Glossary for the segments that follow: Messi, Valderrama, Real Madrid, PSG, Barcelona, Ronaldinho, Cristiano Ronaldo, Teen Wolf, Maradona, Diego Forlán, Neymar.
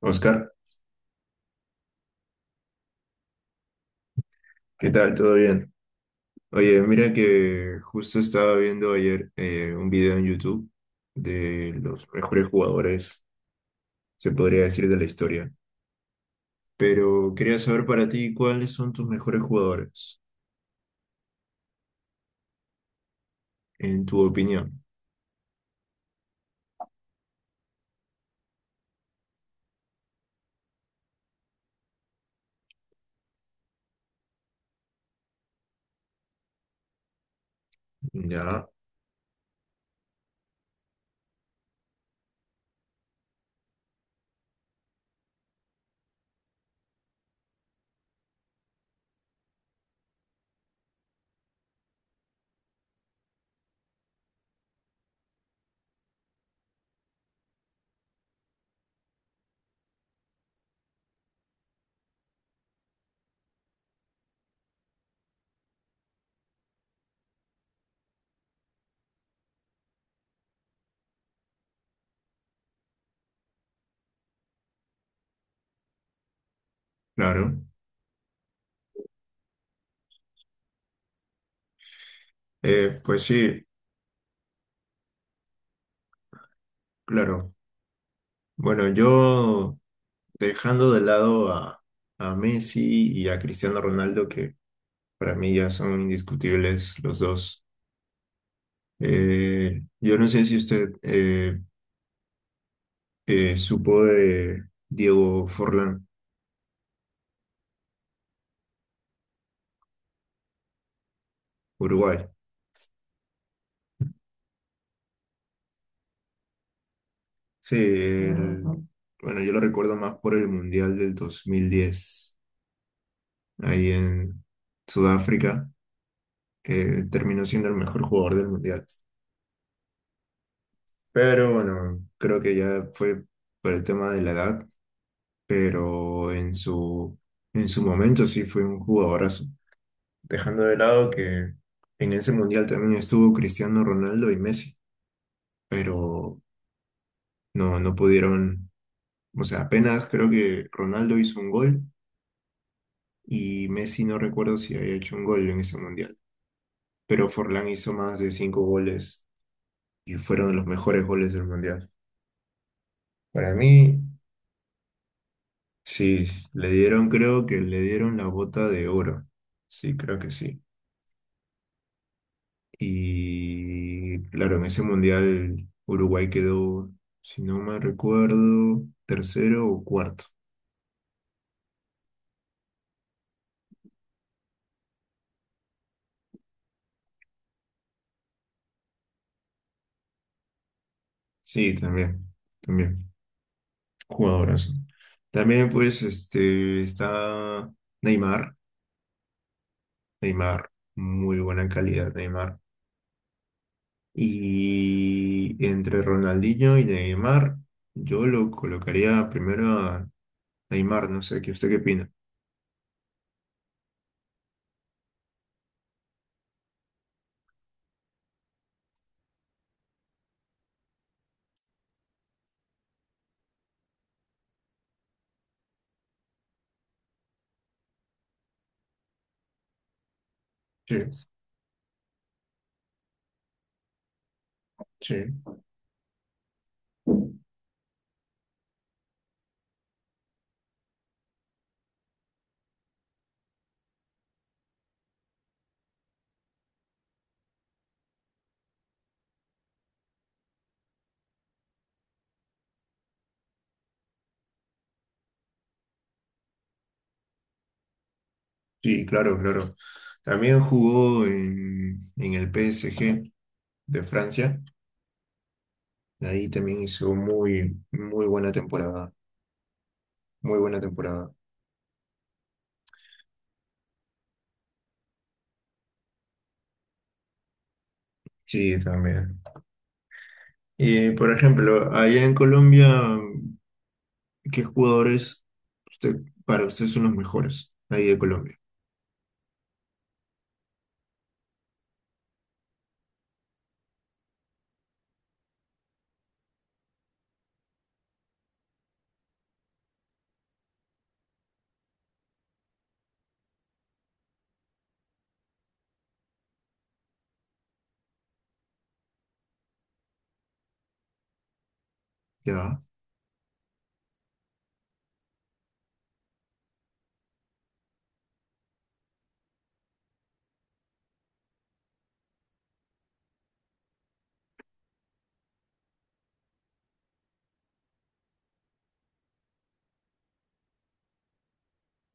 Oscar, ¿qué tal? ¿Todo bien? Oye, mira que justo estaba viendo ayer un video en YouTube de los mejores jugadores, se podría decir, de la historia. Pero quería saber para ti cuáles son tus mejores jugadores, en tu opinión. Ya, claro. Pues sí, claro. Bueno, yo dejando de lado a Messi y a Cristiano Ronaldo, que para mí ya son indiscutibles los dos. Yo no sé si usted supo de Diego Forlán, Uruguay. Sí, ujú. Bueno, yo lo recuerdo más por el Mundial del 2010, ahí en Sudáfrica, que terminó siendo el mejor jugador del Mundial. Pero bueno, creo que ya fue por el tema de la edad, pero en su momento sí fue un jugadorazo. Dejando de lado que en ese Mundial también estuvo Cristiano Ronaldo y Messi, pero no, no pudieron, o sea, apenas creo que Ronaldo hizo un gol y Messi no recuerdo si había hecho un gol en ese mundial, pero Forlán hizo más de cinco goles y fueron los mejores goles del mundial. Para mí, sí, le dieron, creo que le dieron la bota de oro, sí, creo que sí. Y claro, en ese mundial Uruguay quedó, si no me recuerdo, tercero o cuarto. Sí, también, también. Jugadorazo. También, pues, está Neymar. Neymar, muy buena calidad, Neymar. Y entre Ronaldinho y Neymar, yo lo colocaría primero a Neymar, no sé, ¿qué usted qué opina? Sí, sí, sí, claro, claro. También jugó en, el PSG de Francia. Ahí también hizo muy, muy buena temporada. Muy buena temporada. Sí, también. Y, por ejemplo, allá en Colombia, ¿qué jugadores usted, para usted son los mejores ahí de Colombia? Ya.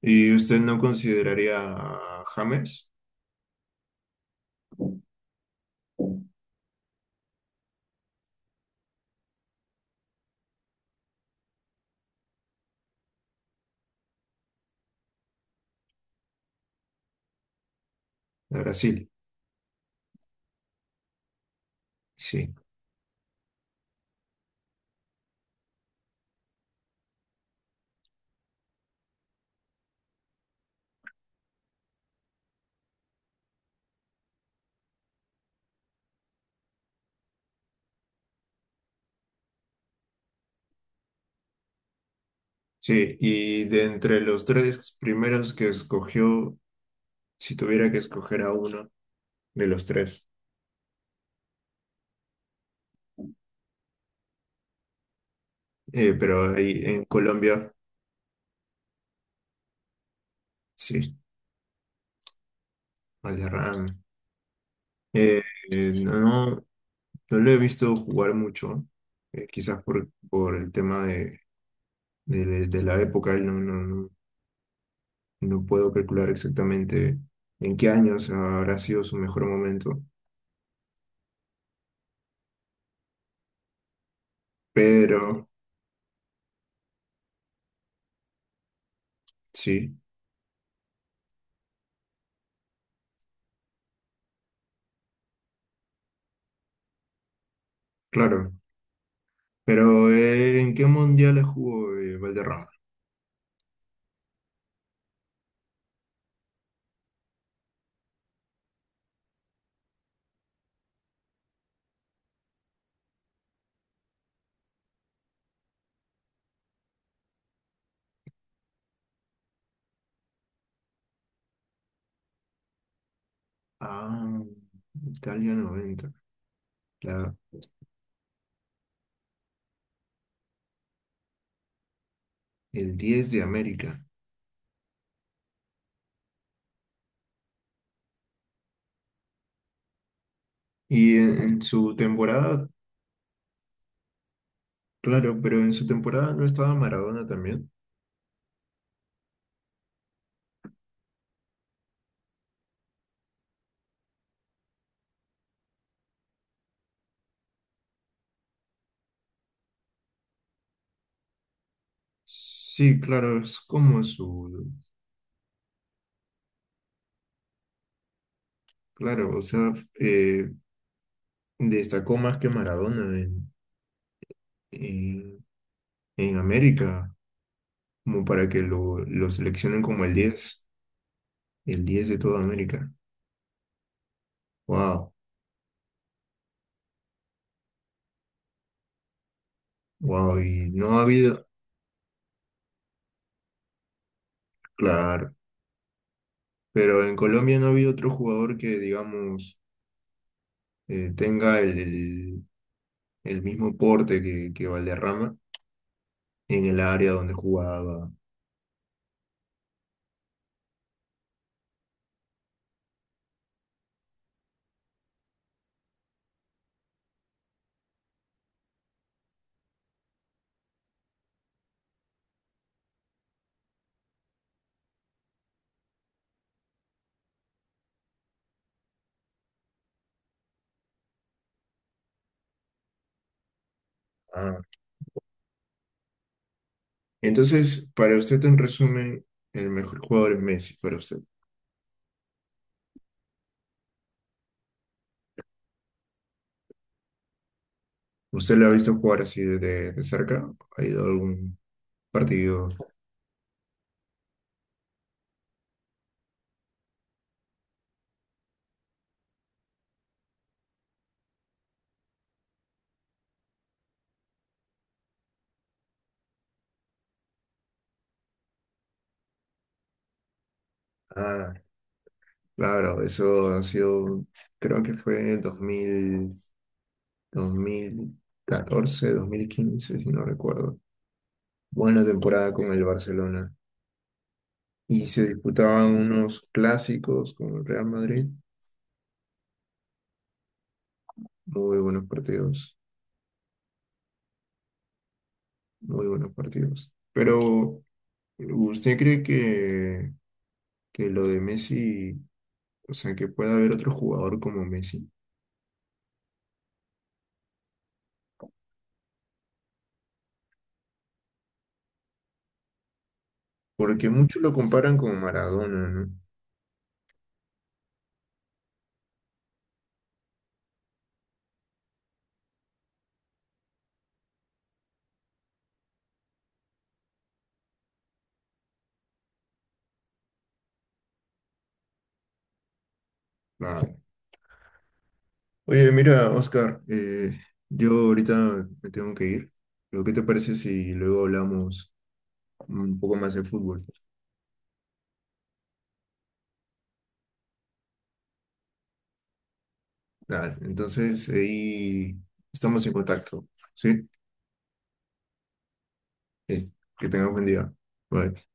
¿Y usted no consideraría a James de Brasil? Sí. Sí, y de entre los tres primeros que escogió, si tuviera que escoger a uno de los tres, pero ahí en Colombia, sí, Valderrama. Eh, no, no lo he visto jugar mucho, quizás por, el tema de de la época, no, no, no, no puedo calcular exactamente en qué años habrá sido su mejor momento, pero sí, claro. Pero ¿en qué mundiales jugó Valderrama? Ah, Italia 90. la- el 10 de América. Y en, su temporada, claro, pero en su temporada no estaba Maradona también. Sí, claro, es como claro, o sea, eh, destacó más que Maradona en, en, América, como para que lo seleccionen como el diez de toda América. Wow, wow, y no ha habido, claro, pero en Colombia no ha habido otro jugador que, digamos, tenga el mismo porte que Valderrama en el área donde jugaba. Ah, entonces, para usted, en resumen, el mejor jugador es Messi, para usted. ¿Usted lo ha visto jugar así de cerca? ¿Ha ido a algún partido? Ah, claro, eso ha sido, creo que fue dos mil catorce, 2015, si no recuerdo. Buena temporada con el Barcelona. Y se disputaban unos clásicos con el Real Madrid. Muy buenos partidos, muy buenos partidos. Pero, ¿usted cree que, lo de Messi, o sea, que pueda haber otro jugador como Messi? Porque muchos lo comparan con Maradona, ¿no? Ah, oye, mira, Oscar, yo ahorita me tengo que ir. Pero ¿qué te parece si luego hablamos un poco más de fútbol? Nada, entonces ahí estamos en contacto, ¿sí? Es- Que tengas buen día. Bye.